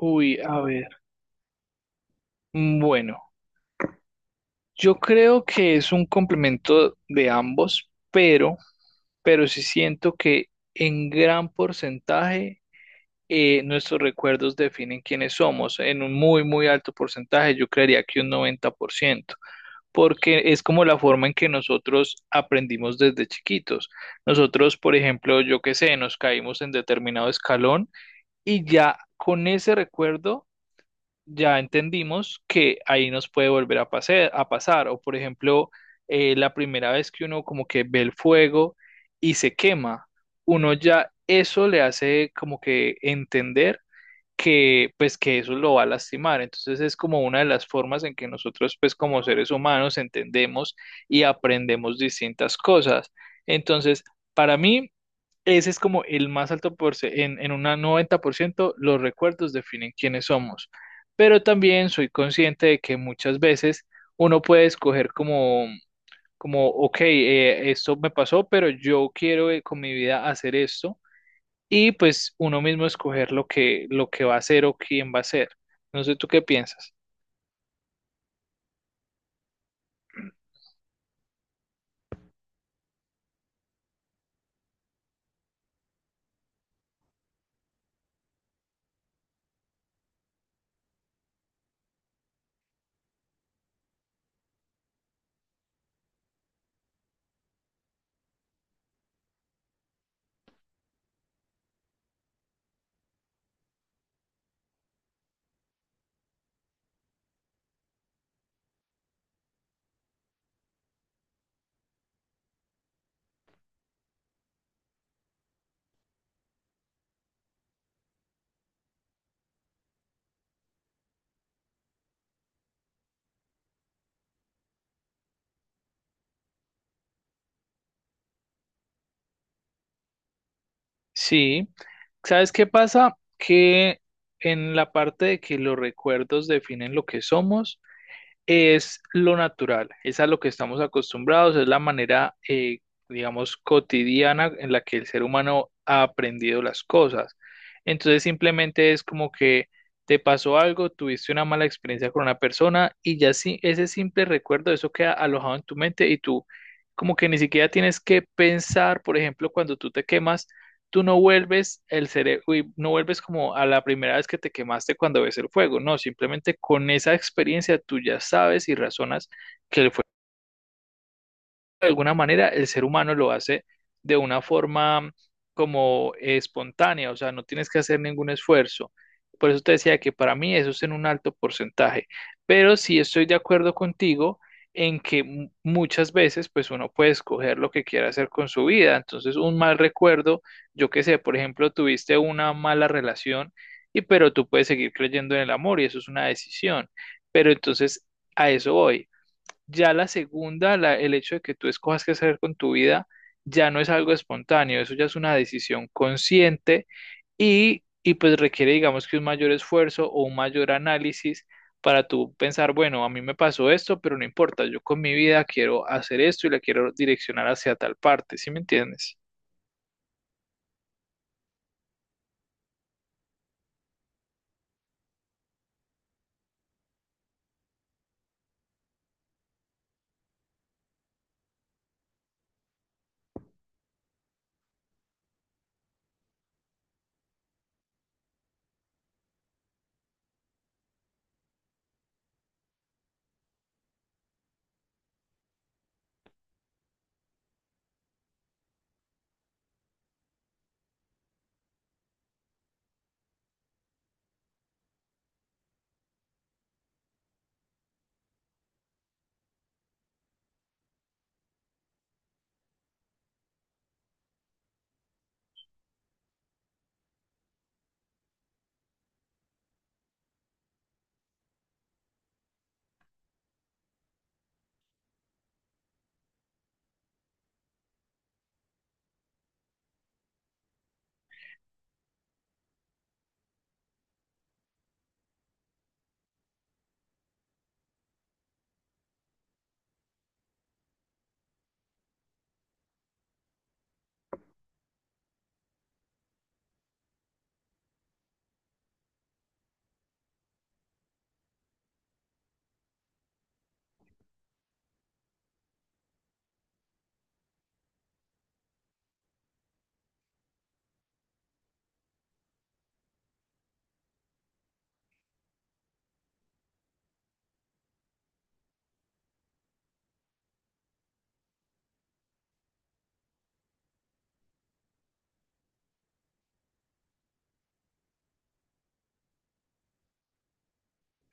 Uy, a ver. Bueno, yo creo que es un complemento de ambos, pero sí siento que en gran porcentaje nuestros recuerdos definen quiénes somos. En un muy, muy alto porcentaje, yo creería que un 90%, porque es como la forma en que nosotros aprendimos desde chiquitos. Nosotros, por ejemplo, yo qué sé, nos caímos en determinado escalón y ya con ese recuerdo ya entendimos que ahí nos puede volver a pasar. O por ejemplo, la primera vez que uno como que ve el fuego y se quema, uno ya eso le hace como que entender que pues que eso lo va a lastimar. Entonces es como una de las formas en que nosotros pues como seres humanos entendemos y aprendemos distintas cosas. Entonces, para mí... Ese es como el más alto porcentaje, en un 90% los recuerdos definen quiénes somos, pero también soy consciente de que muchas veces uno puede escoger como, ok, esto me pasó, pero yo quiero con mi vida hacer esto y pues uno mismo escoger lo que va a hacer o quién va a ser. No sé tú qué piensas. Sí, ¿sabes qué pasa? Que en la parte de que los recuerdos definen lo que somos, es lo natural, es a lo que estamos acostumbrados, es la manera, digamos, cotidiana en la que el ser humano ha aprendido las cosas. Entonces simplemente es como que te pasó algo, tuviste una mala experiencia con una persona y ya sí, ese simple recuerdo, eso queda alojado en tu mente y tú como que ni siquiera tienes que pensar, por ejemplo, cuando tú te quemas, tú no vuelves el cerebro uy, no vuelves como a la primera vez que te quemaste cuando ves el fuego, no, simplemente con esa experiencia tú ya sabes y razonas que el de alguna manera el ser humano lo hace de una forma como espontánea, o sea, no tienes que hacer ningún esfuerzo. Por eso te decía que para mí eso es en un alto porcentaje, pero sí estoy de acuerdo contigo en que muchas veces pues uno puede escoger lo que quiera hacer con su vida. Entonces, un mal recuerdo, yo qué sé, por ejemplo, tuviste una mala relación y pero tú puedes seguir creyendo en el amor y eso es una decisión. Pero entonces a eso voy. Ya la segunda, el hecho de que tú escojas qué hacer con tu vida, ya no es algo espontáneo, eso ya es una decisión consciente y pues requiere, digamos que un mayor esfuerzo o un mayor análisis para tú pensar, bueno, a mí me pasó esto, pero no importa, yo con mi vida quiero hacer esto y la quiero direccionar hacia tal parte, ¿sí me entiendes?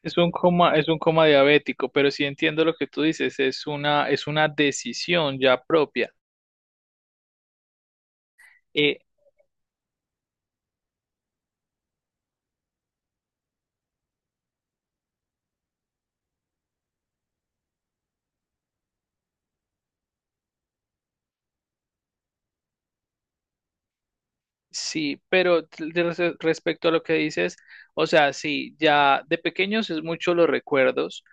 Es un coma diabético, pero sí entiendo lo que tú dices, es una decisión ya propia. Eh, Sí, pero de respecto a lo que dices, o sea, sí, ya de pequeños es mucho los recuerdos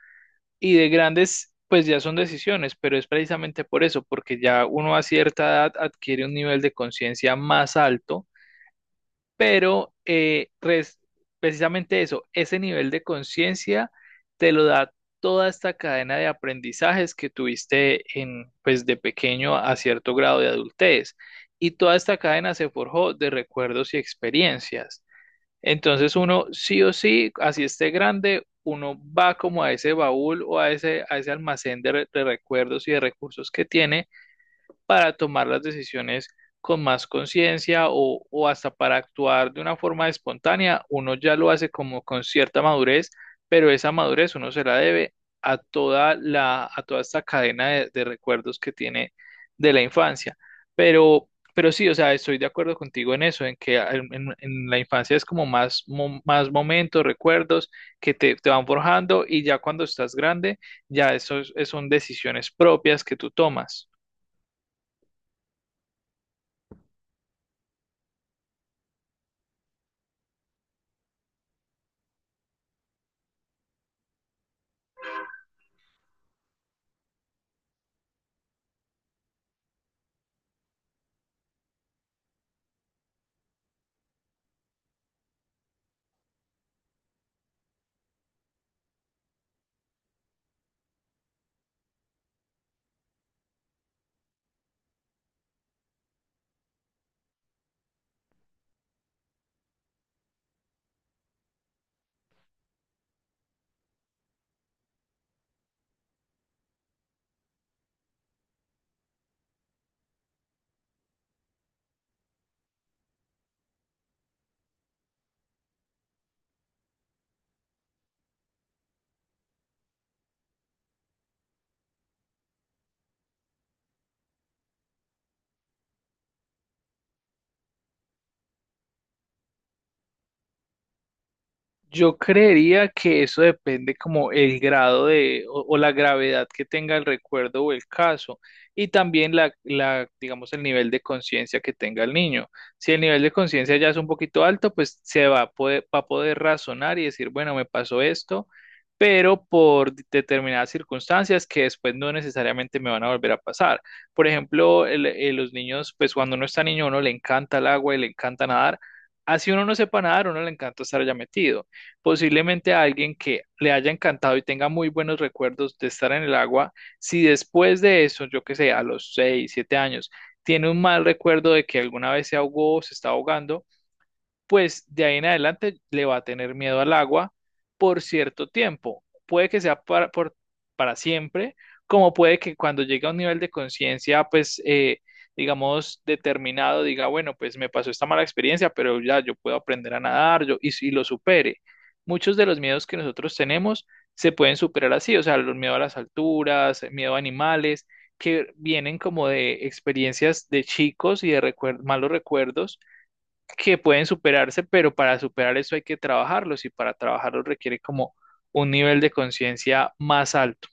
y de grandes pues ya son decisiones, pero es precisamente por eso, porque ya uno a cierta edad adquiere un nivel de conciencia más alto pero precisamente eso, ese nivel de conciencia te lo da toda esta cadena de aprendizajes que tuviste en, pues, de pequeño a cierto grado de adultez. Y toda esta cadena se forjó de recuerdos y experiencias. Entonces uno sí o sí, así esté grande, uno va como a ese baúl o a ese almacén de recuerdos y de recursos que tiene para tomar las decisiones con más conciencia o hasta para actuar de una forma espontánea, uno ya lo hace como con cierta madurez, pero esa madurez uno se la debe a toda la, a, toda esta cadena de recuerdos que tiene de la infancia. Pero sí, o sea, estoy de acuerdo contigo en eso, en que en, en la infancia es como más, más momentos, recuerdos que te van forjando y ya cuando estás grande, ya eso son decisiones propias que tú tomas. Yo creería que eso depende como el grado de o la gravedad que tenga el recuerdo o el caso y también la digamos el nivel de conciencia que tenga el niño. Si el nivel de conciencia ya es un poquito alto, pues se va a poder razonar y decir, bueno, me pasó esto, pero por determinadas circunstancias que después no necesariamente me van a volver a pasar. Por ejemplo, los niños, pues cuando uno está niño, a uno le encanta el agua y le encanta nadar. Así uno no sepa nadar, a uno le encanta estar allá metido. Posiblemente a alguien que le haya encantado y tenga muy buenos recuerdos de estar en el agua, si después de eso, yo que sé, a los 6 7 años, tiene un mal recuerdo de que alguna vez se ahogó o se está ahogando, pues de ahí en adelante le va a tener miedo al agua por cierto tiempo. Puede que sea para siempre, como puede que cuando llegue a un nivel de conciencia, pues, digamos, determinado, diga, bueno, pues me pasó esta mala experiencia, pero ya yo puedo aprender a nadar yo, y lo supere. Muchos de los miedos que nosotros tenemos se pueden superar así, o sea, los miedos a las alturas, miedo a animales, que vienen como de experiencias de chicos y de malos recuerdos que pueden superarse, pero para superar eso hay que trabajarlos y para trabajarlos requiere como un nivel de conciencia más alto.